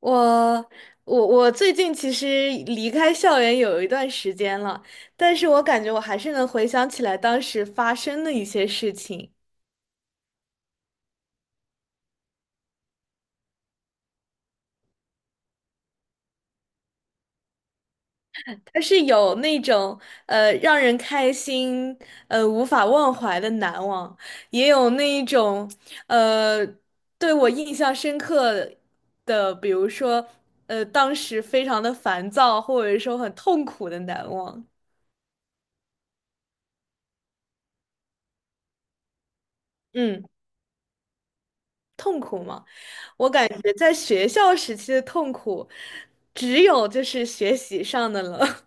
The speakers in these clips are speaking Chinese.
我我最近其实离开校园有一段时间了，但是我感觉我还是能回想起来当时发生的一些事情，它是有那种让人开心无法忘怀的难忘，也有那一种呃对我印象深刻的，比如说当时非常的烦躁，或者说很痛苦的难忘。嗯，痛苦吗？我感觉在学校时期的痛苦，只有就是学习上的了。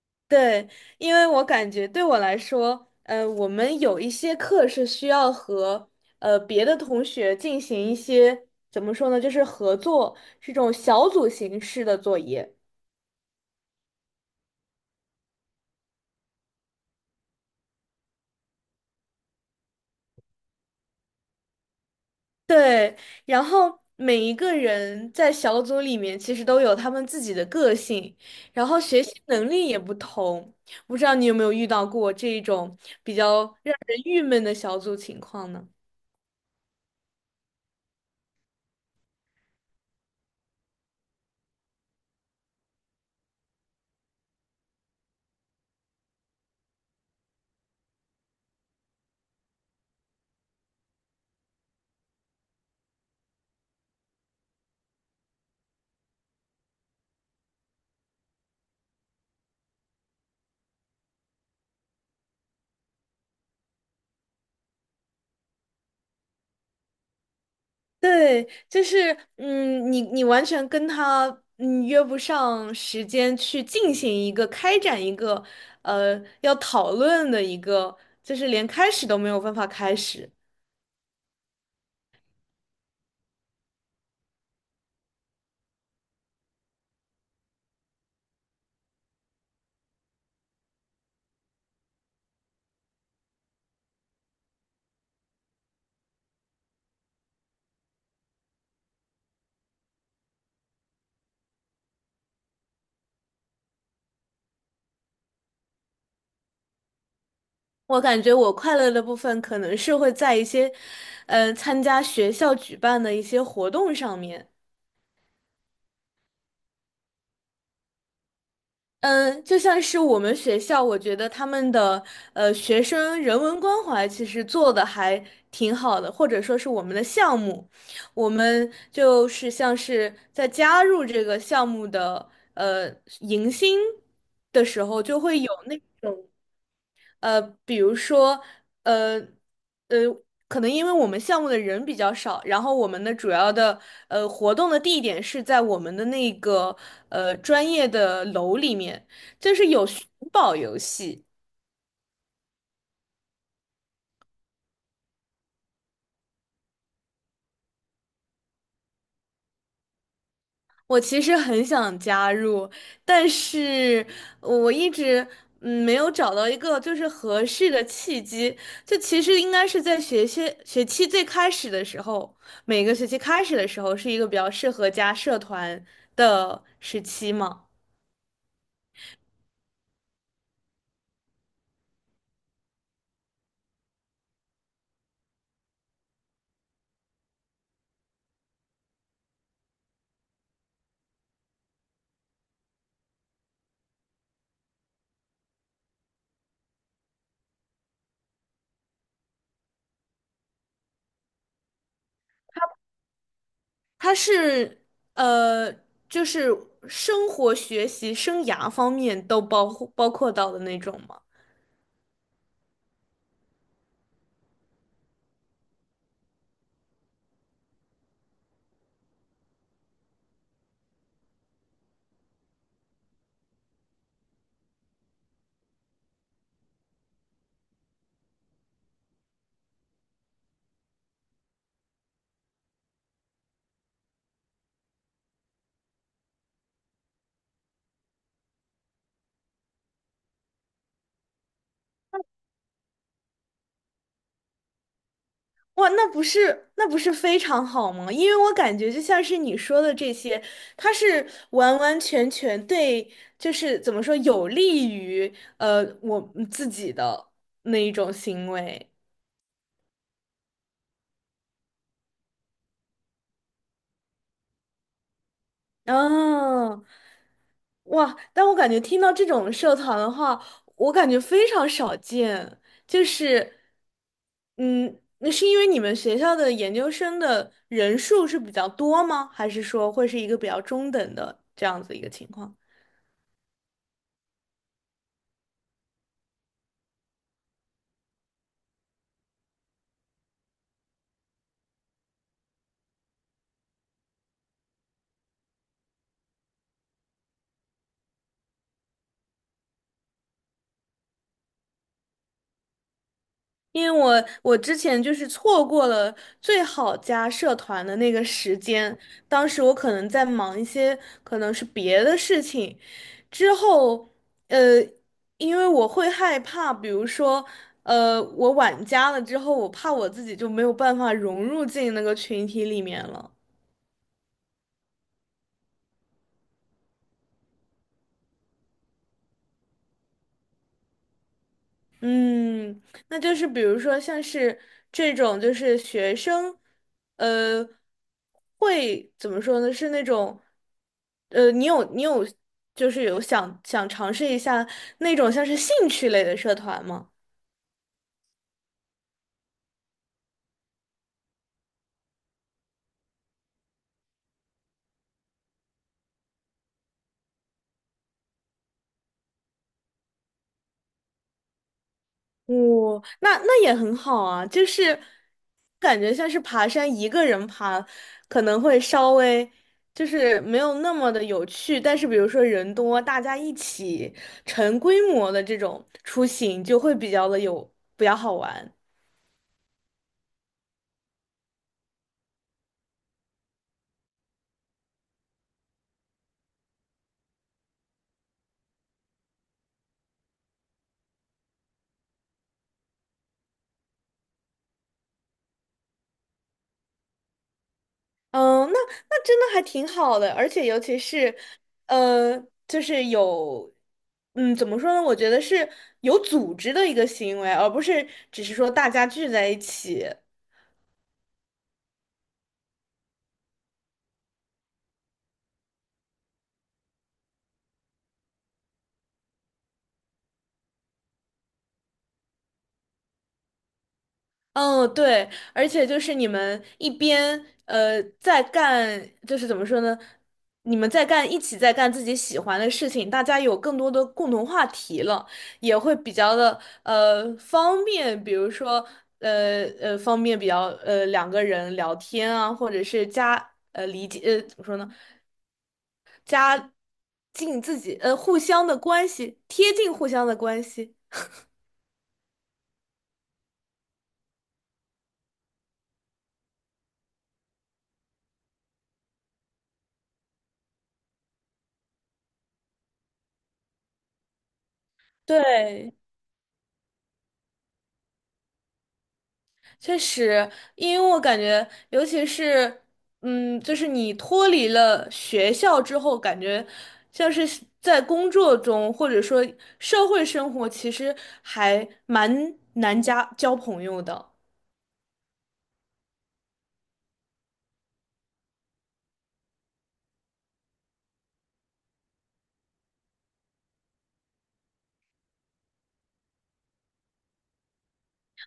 对，因为我感觉对我来说，我们有一些课是需要和别的同学进行一些怎么说呢，就是合作，是这种小组形式的作业。对，然后每一个人在小组里面其实都有他们自己的个性，然后学习能力也不同。不知道你有没有遇到过这一种比较让人郁闷的小组情况呢？对，就是嗯，你完全跟他嗯约不上时间去进行一个开展一个要讨论的一个，就是连开始都没有办法开始。我感觉我快乐的部分可能是会在一些，参加学校举办的一些活动上面。嗯，就像是我们学校，我觉得他们的学生人文关怀其实做的还挺好的，或者说是我们的项目，我们就是像是在加入这个项目的迎新的时候，就会有那。比如说，呃，呃，可能因为我们项目的人比较少，然后我们的主要的活动的地点是在我们的那个专业的楼里面，就是有寻宝游戏。我其实很想加入，但是我一直嗯没有找到一个就是合适的契机。就其实应该是在学期最开始的时候，每个学期开始的时候是一个比较适合加社团的时期嘛。它是呃就是生活、学习、生涯方面都包括到的那种吗？哇，那不是非常好吗？因为我感觉就像是你说的这些，它是完完全全对，就是怎么说，有利于我嗯自己的那一种行为。哦，哇！但我感觉听到这种社团的话，我感觉非常少见。就是，嗯，那是因为你们学校的研究生的人数是比较多吗？还是说会是一个比较中等的这样子一个情况？因为我之前就是错过了最好加社团的那个时间，当时我可能在忙一些可能是别的事情，之后呃，因为我会害怕，比如说我晚加了之后，我怕我自己就没有办法融入进那个群体里面了。嗯，那就是比如说像是这种，就是学生，呃，会怎么说呢？是那种，你有，就是有想尝试一下那种像是兴趣类的社团吗？哦，那那也很好啊，就是感觉像是爬山，一个人爬可能会稍微就是没有那么的有趣，但是比如说人多，大家一起成规模的这种出行，就会比较的有比较好玩。嗯，那那真的还挺好的，而且尤其是，呃，就是有，嗯，怎么说呢？我觉得是有组织的一个行为，而不是只是说大家聚在一起。嗯，对，而且就是你们一边在干，就是怎么说呢？你们在干，一起在干自己喜欢的事情，大家有更多的共同话题了，也会比较的方便，比如说方便比较两个人聊天啊，或者是加理解怎么说呢？加近自己互相的关系，贴近互相的关系，对。确实，因为我感觉，尤其是，嗯，就是你脱离了学校之后，感觉像是在工作中，或者说社会生活，其实还蛮难加交朋友的。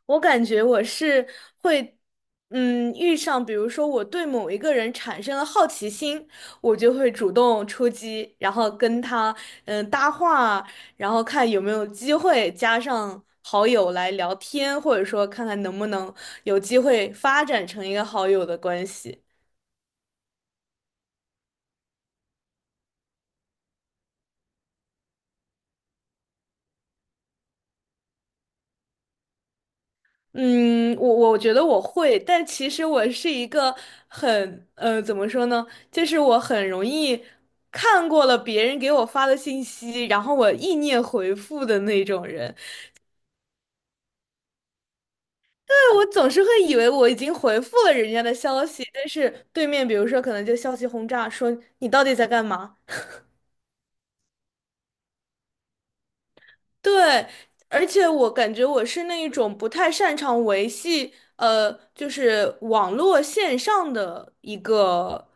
我感觉我是会，嗯，遇上比如说我对某一个人产生了好奇心，我就会主动出击，然后跟他嗯搭话，然后看有没有机会加上好友来聊天，或者说看看能不能有机会发展成一个好友的关系。嗯，我觉得我会，但其实我是一个很，怎么说呢？就是我很容易看过了别人给我发的信息，然后我意念回复的那种人。但我总是会以为我已经回复了人家的消息，但是对面比如说可能就消息轰炸，说你到底在干嘛？对，而且我感觉我是那一种不太擅长维系，就是网络线上的一个，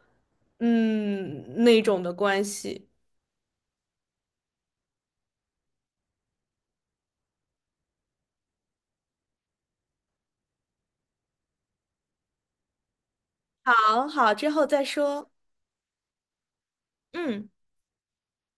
嗯，那种的关系。好好，之后再说。嗯。